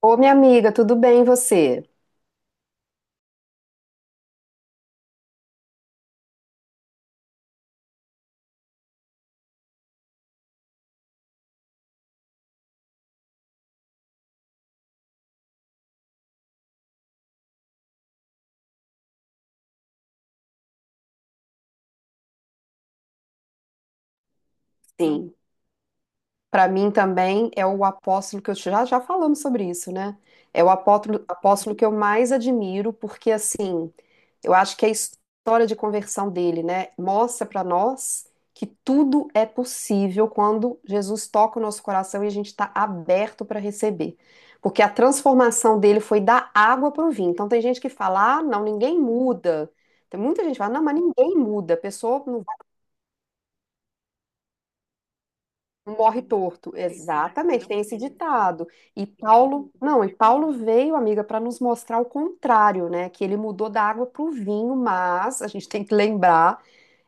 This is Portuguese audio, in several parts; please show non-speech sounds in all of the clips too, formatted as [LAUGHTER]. Ô, minha amiga, tudo bem e você? Sim. Para mim também é o apóstolo que eu já falamos sobre isso, né? É o apóstolo, apóstolo que eu mais admiro, porque assim, eu acho que a história de conversão dele, né, mostra para nós que tudo é possível quando Jesus toca o nosso coração e a gente está aberto para receber. Porque a transformação dele foi da água para o vinho. Então tem gente que fala: "Ah, não, ninguém muda". Tem muita gente que fala: "Não, mas ninguém muda. A pessoa não". Morre torto, exatamente, tem esse ditado. E Paulo, não, e Paulo veio, amiga, para nos mostrar o contrário, né? Que ele mudou da água para o vinho, mas a gente tem que lembrar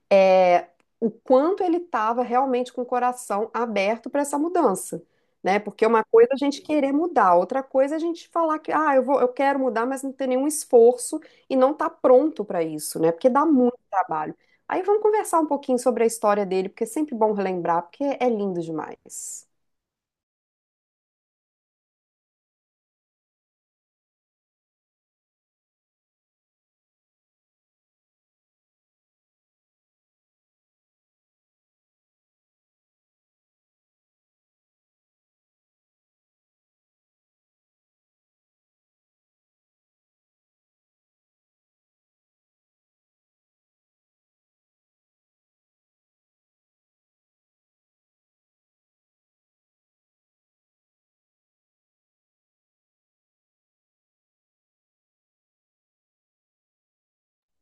é, o quanto ele estava realmente com o coração aberto para essa mudança, né? Porque uma coisa é a gente querer mudar, outra coisa é a gente falar que, ah, eu vou, eu quero mudar, mas não ter nenhum esforço e não tá pronto para isso, né? Porque dá muito trabalho. Aí vamos conversar um pouquinho sobre a história dele, porque é sempre bom relembrar, porque é lindo demais.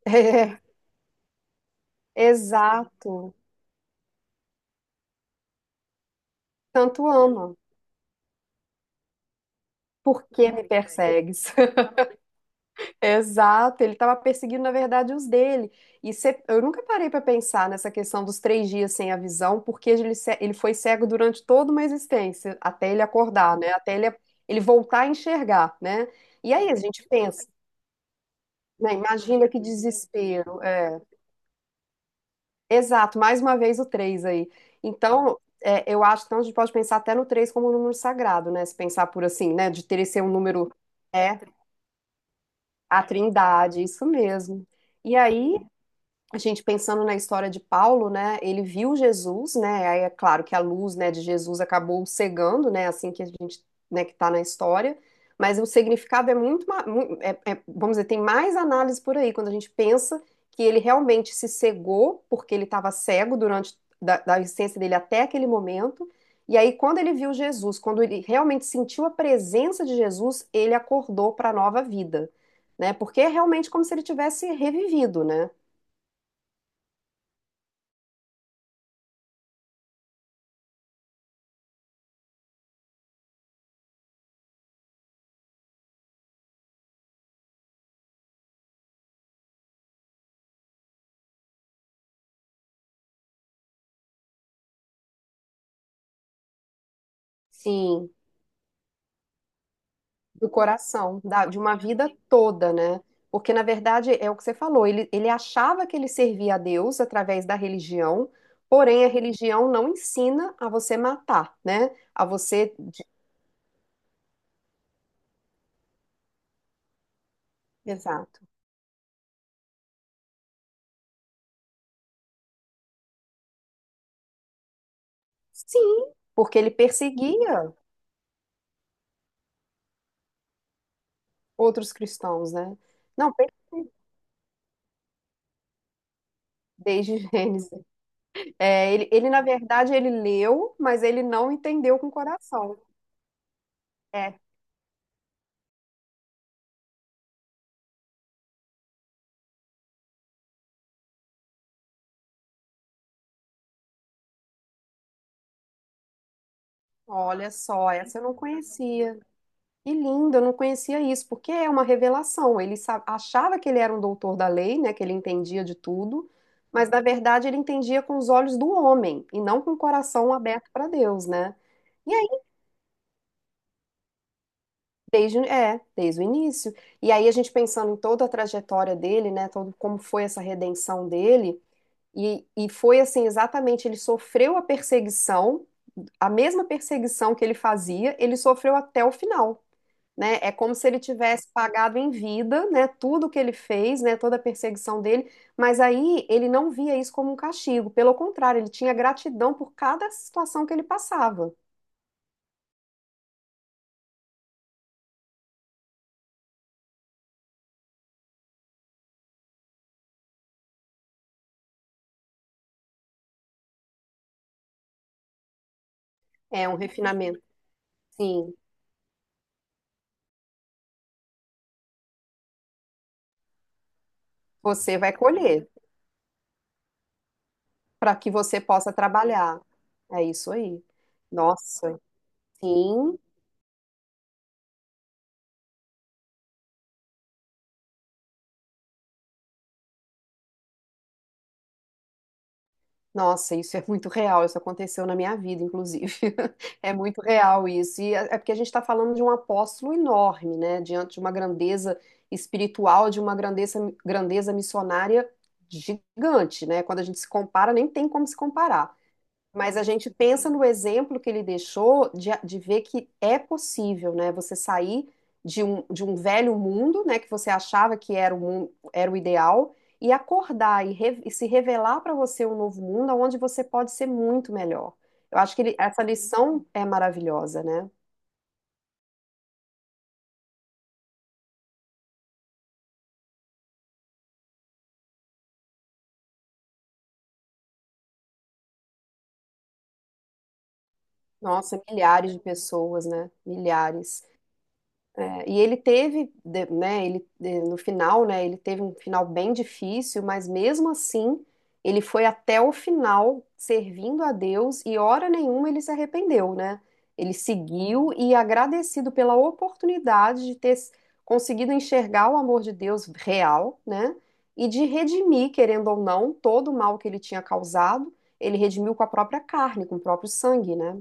[LAUGHS] É, exato. Tanto ama. Por que me persegues? Exato, ele estava perseguindo, na verdade, os dele. Eu nunca parei para pensar nessa questão dos três dias sem a visão, porque ele foi cego durante toda uma existência, até ele acordar, né? Ele voltar a enxergar, né? E aí a gente pensa, né? Imagina que desespero. É. Exato, mais uma vez o três aí. Então, é, eu acho que então, a gente pode pensar até no três como um número sagrado, né? Se pensar por assim, né? De ter esse um número, é, a trindade, isso mesmo. E aí, a gente pensando na história de Paulo, né? Ele viu Jesus, né? Aí é claro que a luz, né, de Jesus acabou cegando, né? Assim que a gente, né, que está na história. Mas o significado é muito, vamos dizer, tem mais análise por aí quando a gente pensa que ele realmente se cegou porque ele estava cego durante da existência dele até aquele momento. E aí, quando ele viu Jesus, quando ele realmente sentiu a presença de Jesus, ele acordou para a nova vida, né? Porque é realmente como se ele tivesse revivido, né? Sim, do coração, de uma vida toda, né? Porque, na verdade, é o que você falou, ele achava que ele servia a Deus através da religião, porém a religião não ensina a você matar, né? A você. De- Exato. Sim, porque ele perseguia outros cristãos, né? Não, perfeito, desde [LAUGHS] Gênesis. É, na verdade, ele leu, mas ele não entendeu com o coração. É, olha só, essa eu não conhecia. Que lindo, eu não conhecia isso, porque é uma revelação. Achava que ele era um doutor da lei, né, que ele entendia de tudo, mas na verdade ele entendia com os olhos do homem e não com o coração aberto para Deus, né? E aí, desde, é, desde o início. E aí a gente pensando em toda a trajetória dele, né, todo como foi essa redenção dele, e foi assim, exatamente, ele sofreu a perseguição, a mesma perseguição que ele fazia, ele sofreu até o final. Né? É como se ele tivesse pagado em vida, né, tudo que ele fez, né, toda a perseguição dele, mas aí ele não via isso como um castigo, pelo contrário, ele tinha gratidão por cada situação que ele passava. É um refinamento. Sim, você vai colher para que você possa trabalhar. É isso aí. Nossa, sim. Nossa, isso é muito real. Isso aconteceu na minha vida, inclusive. [LAUGHS] É muito real isso. E é porque a gente está falando de um apóstolo enorme, né? Diante de uma grandeza espiritual, de uma grandeza, grandeza missionária gigante, né? Quando a gente se compara, nem tem como se comparar. Mas a gente pensa no exemplo que ele deixou de ver que é possível, né? Você sair de um velho mundo, né? Que você achava que era era o ideal, e acordar e se revelar para você um novo mundo onde você pode ser muito melhor. Eu acho que ele- essa lição é maravilhosa, né? Nossa, milhares de pessoas, né? Milhares. É, e ele teve, de- né, ele, de- no final, né, ele teve um final bem difícil, mas mesmo assim, ele foi até o final servindo a Deus e hora nenhuma ele se arrependeu, né? Ele seguiu e agradecido pela oportunidade de ter s- conseguido enxergar o amor de Deus real, né? E de redimir, querendo ou não, todo o mal que ele tinha causado, ele redimiu com a própria carne, com o próprio sangue, né?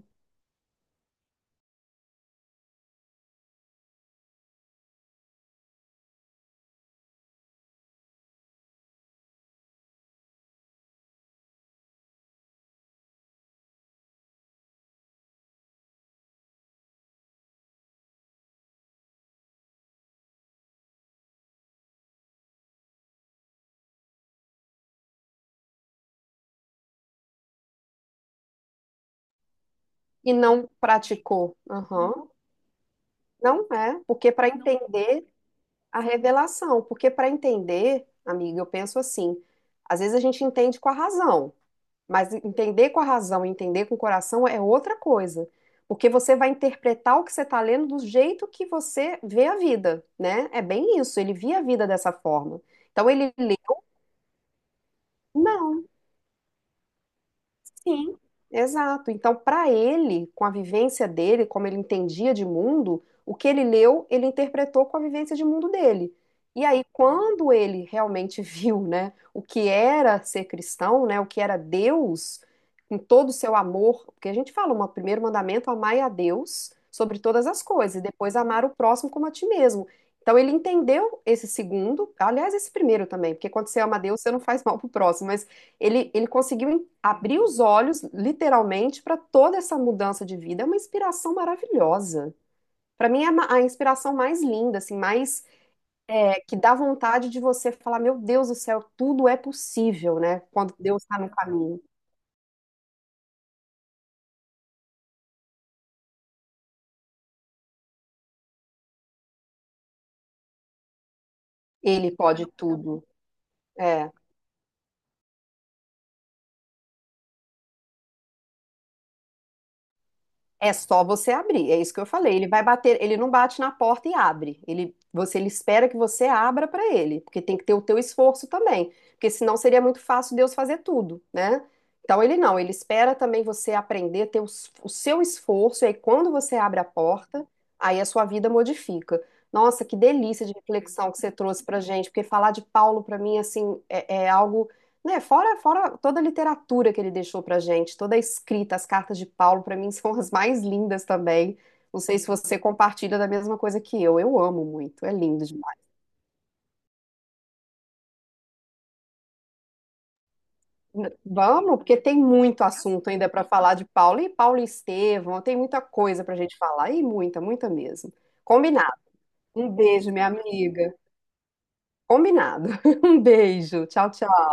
E não praticou. Aham. Não é, porque para Não. entender a revelação, porque para entender, amiga, eu penso assim, às vezes a gente entende com a razão, mas entender com a razão e entender com o coração é outra coisa, porque você vai interpretar o que você está lendo do jeito que você vê a vida, né? É bem isso, ele via a vida dessa forma. Então ele lê, não. Sim, exato. Então, para ele, com a vivência dele, como ele entendia de mundo, o que ele leu, ele interpretou com a vivência de mundo dele. E aí, quando ele realmente [LAUGHS] viu, né, o que era ser cristão, né, o que era Deus, com todo o seu amor, porque a gente fala, o primeiro mandamento, amai a Deus sobre todas as coisas, e depois amar o próximo como a ti mesmo. Então, ele entendeu esse segundo, aliás, esse primeiro também, porque quando você ama a Deus, você não faz mal pro próximo, mas ele conseguiu abrir os olhos, literalmente, para toda essa mudança de vida. É uma inspiração maravilhosa. Para mim, é a inspiração mais linda, assim, mais é, que dá vontade de você falar: Meu Deus do céu, tudo é possível, né? Quando Deus está no caminho, Ele pode tudo. É. É só você abrir, é isso que eu falei. Ele vai bater, ele não bate na porta e abre. Ele espera que você abra para ele, porque tem que ter o teu esforço também, porque senão seria muito fácil Deus fazer tudo, né? Então ele não, ele espera também você aprender, ter o seu esforço, e aí quando você abre a porta, aí a sua vida modifica. Nossa, que delícia de reflexão que você trouxe pra gente, porque falar de Paulo para mim assim é, é algo né, fora toda a literatura que ele deixou pra gente, toda a escrita, as cartas de Paulo, pra mim [LAUGHS] são as mais lindas também. Não sei se você compartilha da mesma coisa que eu. Eu amo muito, é lindo demais. Vamos, porque tem muito assunto ainda pra falar de Paulo e Estevão, tem muita coisa pra gente falar e muita, muita mesmo. Combinado. Um beijo, minha amiga. Combinado. [LAUGHS] Um beijo. Tchau, tchau.